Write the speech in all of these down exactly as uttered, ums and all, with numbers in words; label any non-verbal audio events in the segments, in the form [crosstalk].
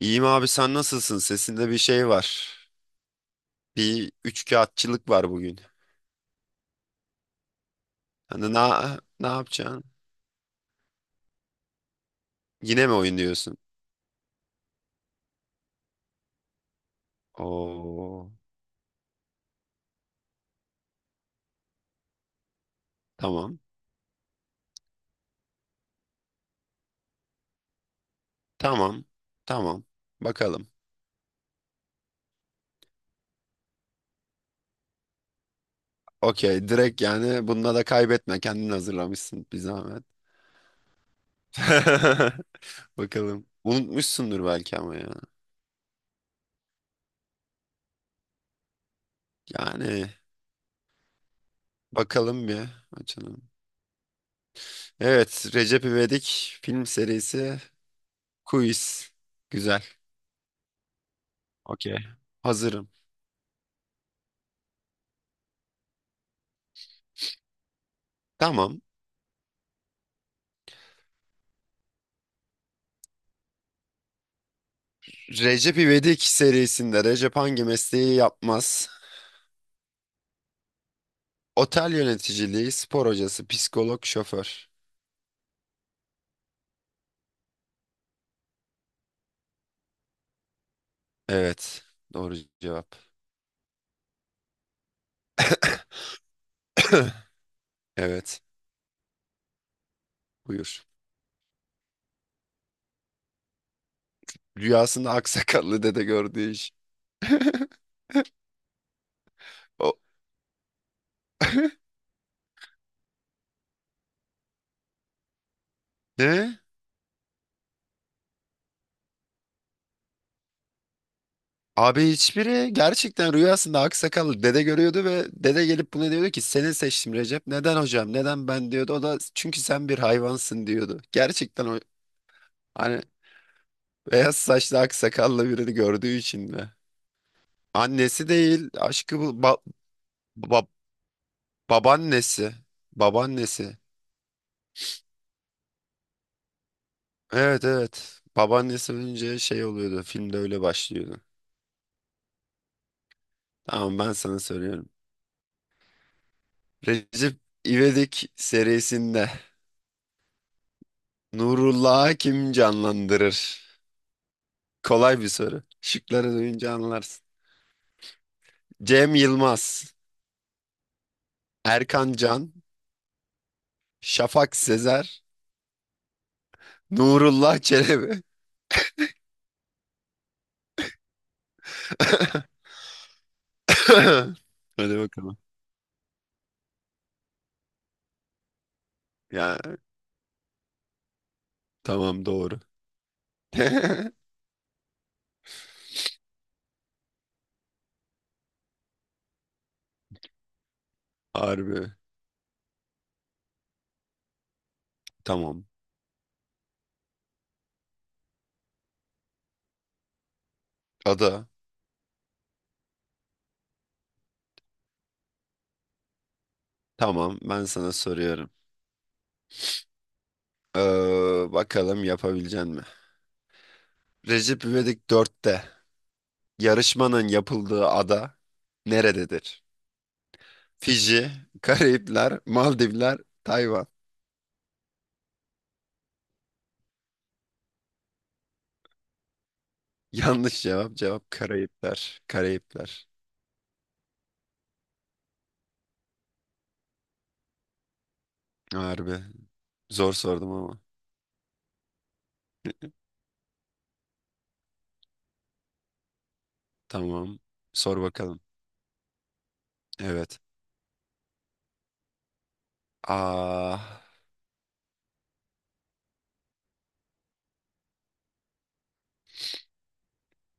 İyiyim abi, sen nasılsın? Sesinde bir şey var. Bir üçkağıtçılık var bugün. Hani ne, ne yapacaksın? Yine mi oyun diyorsun? Oo, tamam. Tamam. Tamam. Bakalım. Okey, direkt yani bununla da kaybetme. Kendin hazırlamışsın bir zahmet. [laughs] Bakalım. Unutmuşsundur belki ama ya. Yani bakalım bir açalım. Evet, Recep İvedik film serisi Quiz. Güzel. Okey. Hazırım. Tamam. Recep İvedik serisinde Recep hangi mesleği yapmaz? Otel yöneticiliği, spor hocası, psikolog, şoför. Evet, doğru cevap. [coughs] Evet, buyur. Rüyasında aksakallı dede gördüğü iş. [laughs] O... [laughs] Ne? Abi hiçbiri, gerçekten rüyasında aksakallı dede görüyordu ve dede gelip buna diyordu ki seni seçtim Recep. Neden hocam? Neden ben diyordu. O da çünkü sen bir hayvansın diyordu. Gerçekten o hani beyaz saçlı aksakallı birini gördüğü için mi? Annesi değil, aşkı bu ba- ba- babaannesi. Babaannesi. Evet, evet. Babaannesi önce şey oluyordu. Filmde öyle başlıyordu. Tamam, ben sana söylüyorum. Recep İvedik serisinde Nurullah Hakim canlandırır? Kolay bir soru. Şıkları duyunca anlarsın. Cem Yılmaz, Erkan Can, Şafak Sezer, Nurullah Çelebi. [laughs] Hadi bakalım. Ya tamam, doğru. [laughs] Harbi. Tamam. Ada. Tamam. Ben sana soruyorum. Ee, bakalım yapabilecek mi? Recep İvedik dörtte yarışmanın yapıldığı ada nerededir? Fiji, Karayipler, Maldivler, Tayvan. Yanlış cevap. Cevap Karayipler. Karayipler. Harbi. Zor sordum ama. Tamam. Sor bakalım. Evet. Aa,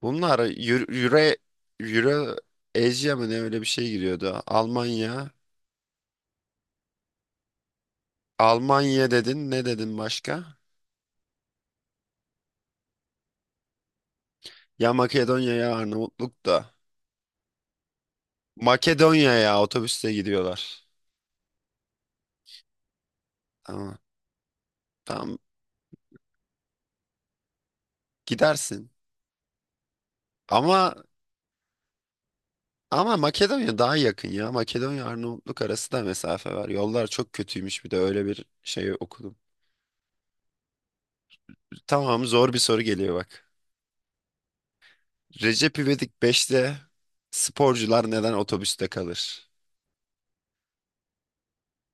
bunlar Euro, Euro, Euro Asia mı ne öyle bir şey giriyordu. Almanya, Almanya dedin. Ne dedin başka? Ya Makedonya ya Arnavutluk da. Makedonya ya otobüste gidiyorlar. Tamam. Tamam. Gidersin. Ama ama Makedonya daha yakın ya. Makedonya Arnavutluk arası da mesafe var. Yollar çok kötüymüş, bir de öyle bir şey okudum. Tamam, zor bir soru geliyor bak. Recep İvedik beşte sporcular neden otobüste kalır?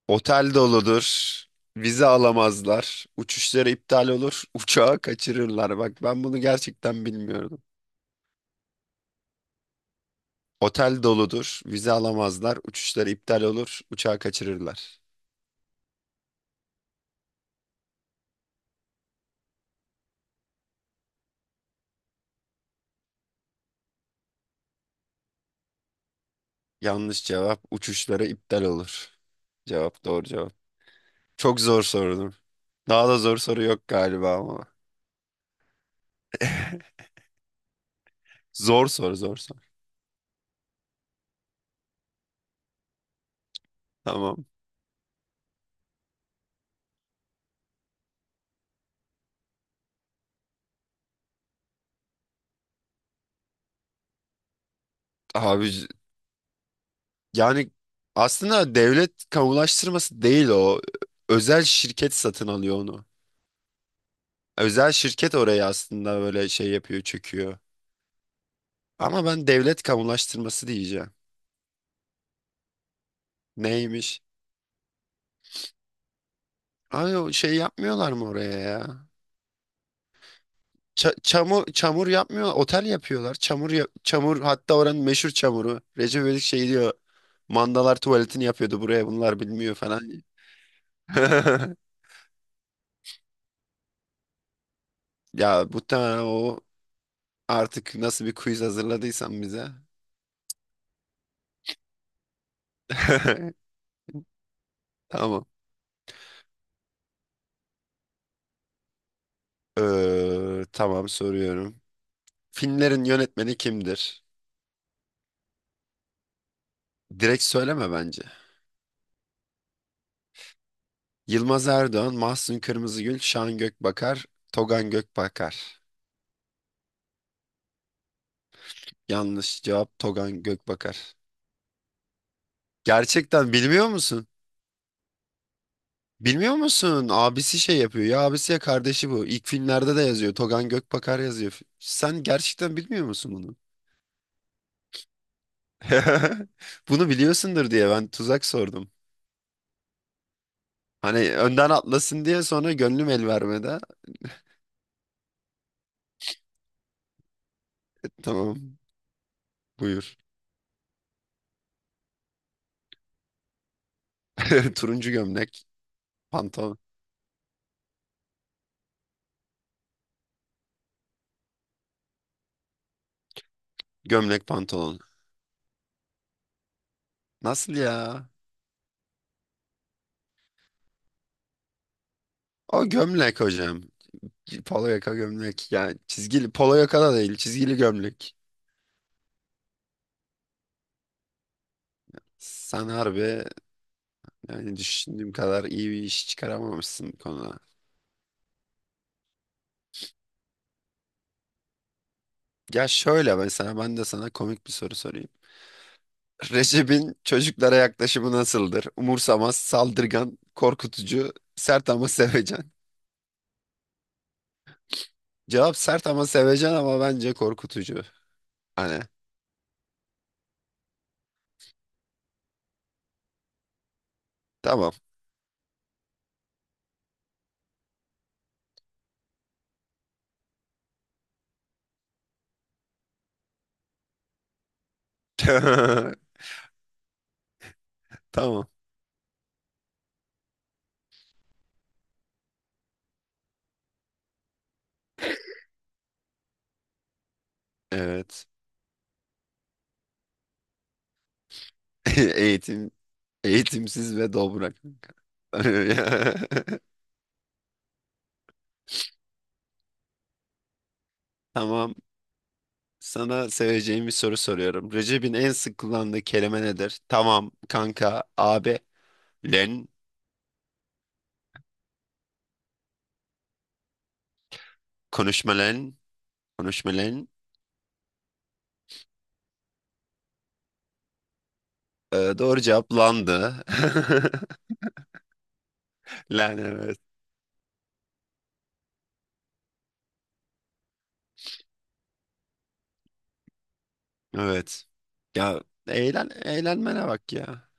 Otel doludur. Vize alamazlar. Uçuşları iptal olur. [laughs] Uçağı kaçırırlar. Bak, ben bunu gerçekten bilmiyordum. Otel doludur. Vize alamazlar. Uçuşları iptal olur. Uçağı kaçırırlar. Yanlış cevap. Uçuşları iptal olur. Cevap doğru cevap. Çok zor sordum. Daha da zor soru yok galiba ama. [laughs] Zor soru, zor soru. Tamam. Abi yani aslında devlet kamulaştırması değil o. Özel şirket satın alıyor onu. Özel şirket oraya aslında böyle şey yapıyor, çöküyor. Ama ben devlet kamulaştırması diyeceğim. Neymiş? Abi o şey yapmıyorlar mı oraya ya? Ça- çamur çamur yapmıyor, otel yapıyorlar. Çamur ya- çamur, hatta oranın meşhur çamuru. Recep İvedik şey diyor. Mandalar tuvaletini yapıyordu buraya, bunlar bilmiyor falan. [laughs] Ya muhtemelen o artık nasıl bir quiz hazırladıysan bize. [laughs] Tamam. Ee, tamam, soruyorum. Filmlerin yönetmeni kimdir? Direkt söyleme bence. Yılmaz Erdoğan, Mahsun Kırmızıgül, Şan Gökbakar, Togan Gökbakar. Yanlış cevap, Togan Gökbakar. Gerçekten bilmiyor musun? Bilmiyor musun? Abisi şey yapıyor ya, abisi ya kardeşi bu. İlk filmlerde de yazıyor. Togan Gökbakar yazıyor. Sen gerçekten bilmiyor musun bunu? [laughs] Bunu biliyorsundur diye ben tuzak sordum. Hani önden atlasın diye, sonra gönlüm el vermedi. Tamam, buyur. [laughs] Turuncu gömlek pantolon. Gömlek pantolon. Nasıl ya? O gömlek hocam. Polo yaka gömlek. Yani çizgili polo yaka da değil, çizgili gömlek. Sen harbi yani düşündüğüm kadar iyi bir iş çıkaramamışsın bu konuda. Ya şöyle mesela ben de sana komik bir soru sorayım. Recep'in çocuklara yaklaşımı nasıldır? Umursamaz, saldırgan, korkutucu, sert ama sevecen. Cevap sert ama sevecen, ama bence korkutucu. Hani tamam. [laughs] Tamam. Evet. [laughs] Eğitim Eğitimsiz ve dobra kanka. [laughs] Tamam. Sana seveceğim bir soru soruyorum. Recep'in en sık kullandığı kelime nedir? Tamam kanka, abi, len, konuşma len, konuşma len. Ee, doğru cevap landı. [laughs] Len, evet. Evet. Ya eğlen, eğlenmene bak ya.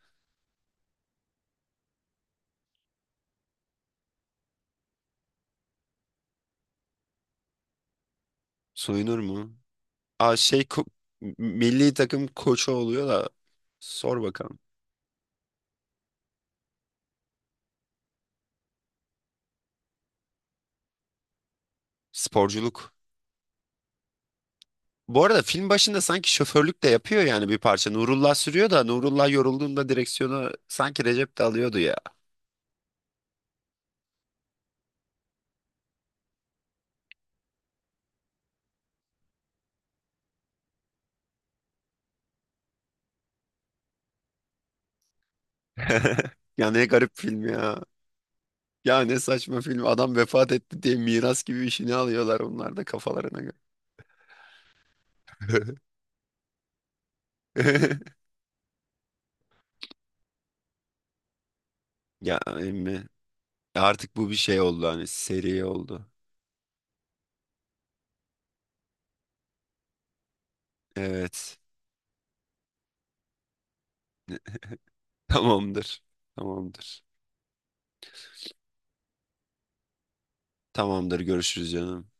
Soyunur mu? Aa şey ko- milli takım koçu oluyor da, sor bakalım. Sporculuk. Bu arada film başında sanki şoförlük de yapıyor yani bir parça. Nurullah sürüyor da Nurullah yorulduğunda direksiyonu sanki Recep de alıyordu ya. [laughs] Ya ne garip film ya. Ya ne saçma film. Adam vefat etti diye miras gibi işini alıyorlar onlar da kafalarına göre. [laughs] Ya emmi. Artık bu bir şey oldu, hani seri oldu. Evet. Tamamdır. Tamamdır. Tamamdır. Görüşürüz canım.